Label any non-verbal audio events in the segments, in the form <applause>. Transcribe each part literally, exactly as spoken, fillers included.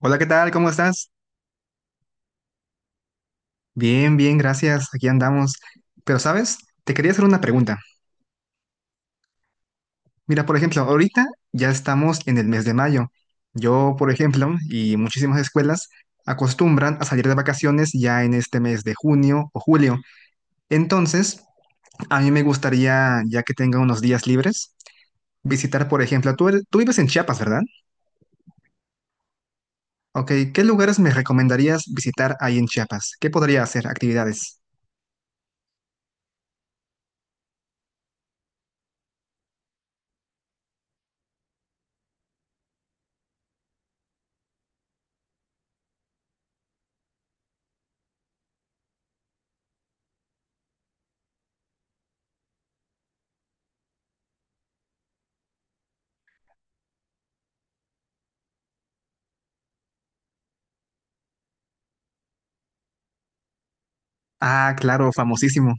Hola, ¿qué tal? ¿Cómo estás? Bien, bien, gracias. Aquí andamos. Pero, ¿sabes? Te quería hacer una pregunta. Mira, por ejemplo, ahorita ya estamos en el mes de mayo. Yo, por ejemplo, y muchísimas escuelas acostumbran a salir de vacaciones ya en este mes de junio o julio. Entonces, a mí me gustaría, ya que tenga unos días libres, visitar, por ejemplo, tú, eres- tú vives en Chiapas, ¿verdad? Ok, ¿qué lugares me recomendarías visitar ahí en Chiapas? ¿Qué podría hacer? Actividades. Ah, claro, famosísimo.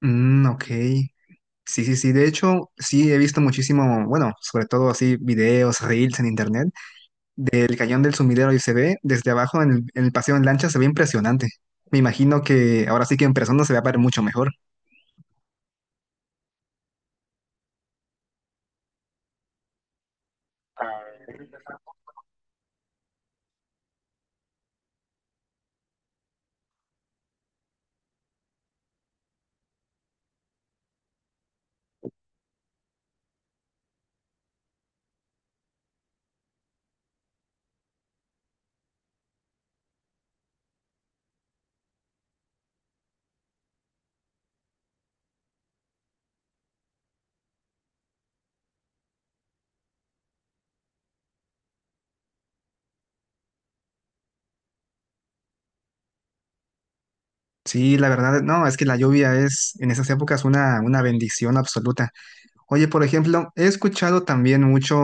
Mm, ok. Sí, sí, sí. De hecho, sí he visto muchísimo, bueno, sobre todo así videos, reels en internet del Cañón del Sumidero y se ve desde abajo en el, en el paseo en lancha, se ve impresionante. Me imagino que ahora sí que en persona se va a ver mucho mejor. Sí, la verdad, no, es que la lluvia es en esas épocas una, una bendición absoluta. Oye, por ejemplo, he escuchado también mucho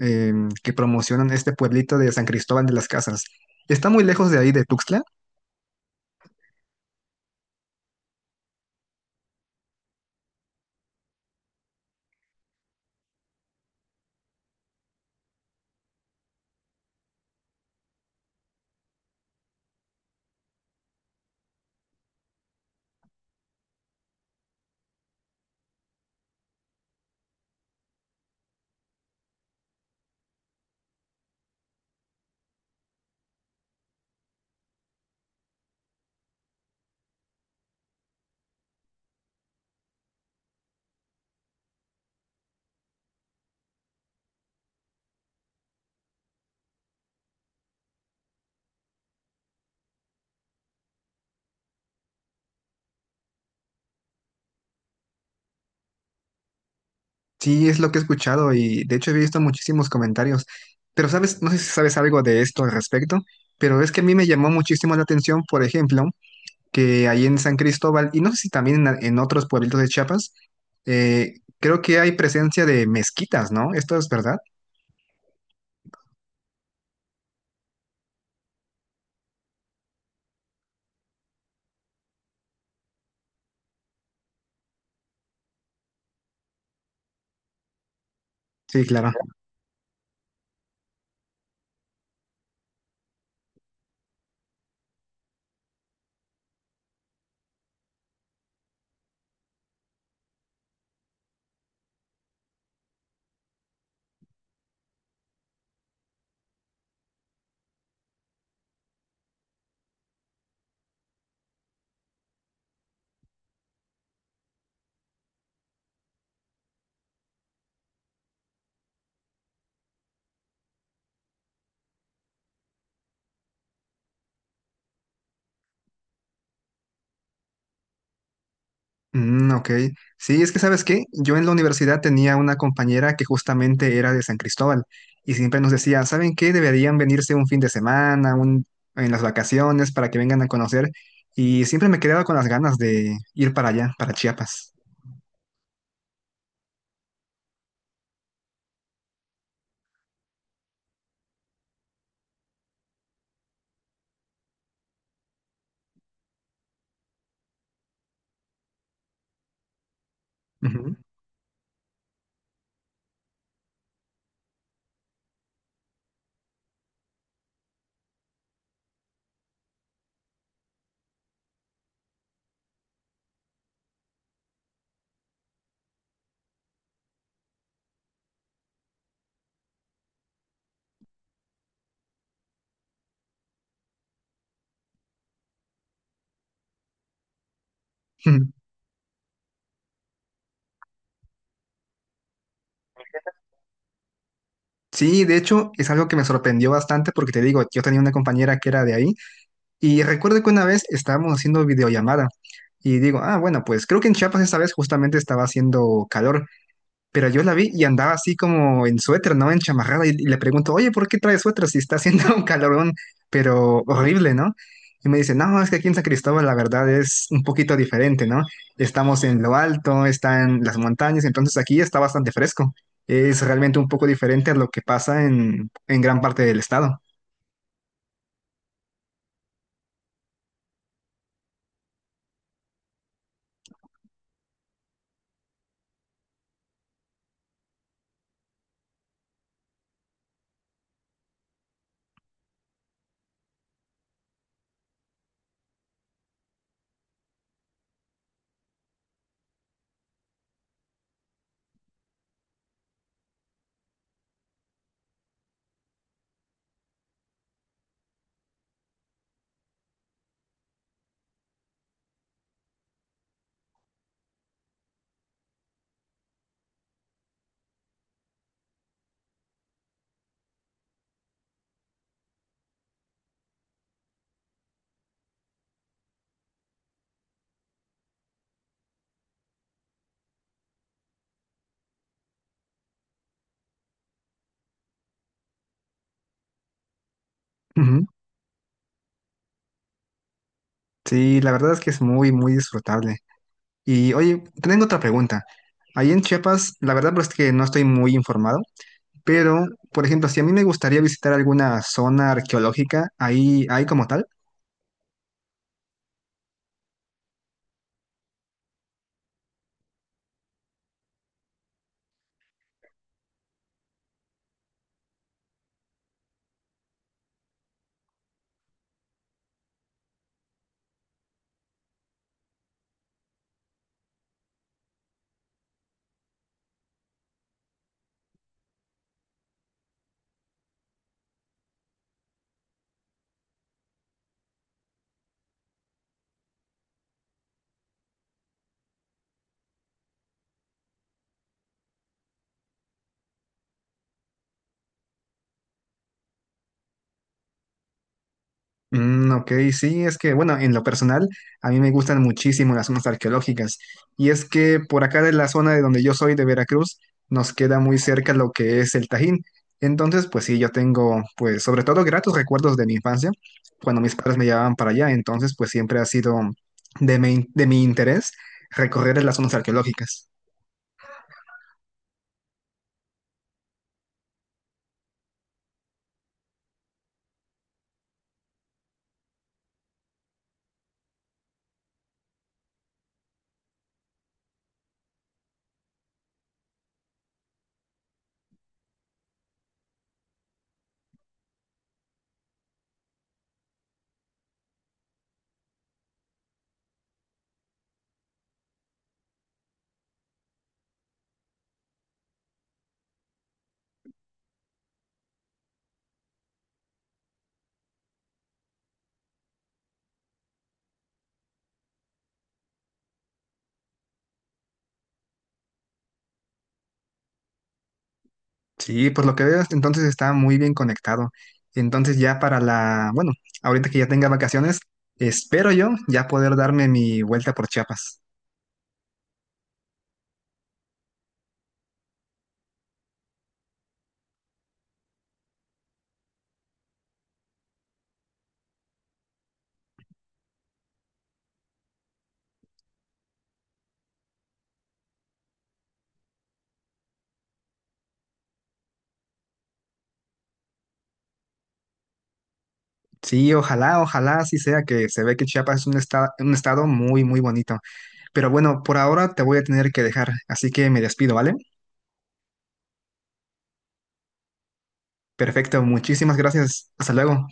eh, que promocionan este pueblito de San Cristóbal de las Casas. ¿Está muy lejos de ahí de Tuxtla? Sí, es lo que he escuchado y de hecho he visto muchísimos comentarios. Pero sabes, no sé si sabes algo de esto al respecto, pero es que a mí me llamó muchísimo la atención, por ejemplo, que ahí en San Cristóbal y no sé si también en, en otros pueblitos de Chiapas, eh, creo que hay presencia de mezquitas, ¿no? Esto es verdad. Sí, claro. Mm, ok. Sí, es que ¿sabes qué? Yo en la universidad tenía una compañera que justamente era de San Cristóbal y siempre nos decía, ¿saben qué? Deberían venirse un fin de semana, un, en las vacaciones para que vengan a conocer. Y siempre me quedaba con las ganas de ir para allá, para Chiapas. Ujú. <laughs> Sí, de hecho, es algo que me sorprendió bastante porque te digo, yo tenía una compañera que era de ahí y recuerdo que una vez estábamos haciendo videollamada y digo, ah, bueno, pues creo que en Chiapas esta vez justamente estaba haciendo calor. Pero yo la vi y andaba así como en suéter, ¿no? En chamarrada. Y, y le pregunto, oye, ¿por qué traes suéter si está haciendo <laughs> un calorón, pero horrible, ¿no? Y me dice, no, es que aquí en San Cristóbal la verdad es un poquito diferente, ¿no? Estamos en lo alto, están las montañas, entonces aquí está bastante fresco. Es realmente un poco diferente a lo que pasa en, en gran parte del estado. Ujú. Sí, la verdad es que es muy, muy disfrutable. Y oye, tengo otra pregunta. Ahí en Chiapas, la verdad pues, es que no estoy muy informado. Pero, por ejemplo, si a mí me gustaría visitar alguna zona arqueológica, ahí hay como tal. Mm, ok, sí, es que, bueno, en lo personal, a mí me gustan muchísimo las zonas arqueológicas. Y es que por acá de la zona de donde yo soy, de Veracruz, nos queda muy cerca lo que es el Tajín. Entonces, pues sí, yo tengo, pues, sobre todo gratos recuerdos de mi infancia, cuando mis padres me llevaban para allá. Entonces, pues siempre ha sido de mi, de mi interés recorrer las zonas arqueológicas. Sí, por lo que veo, hasta entonces está muy bien conectado. Entonces ya para la, bueno, ahorita que ya tenga vacaciones, espero yo ya poder darme mi vuelta por Chiapas. Sí, ojalá, ojalá así sea, que se ve que Chiapas es un estado, un estado muy, muy bonito. Pero bueno, por ahora te voy a tener que dejar, así que me despido, ¿vale? Perfecto, muchísimas gracias. Hasta luego.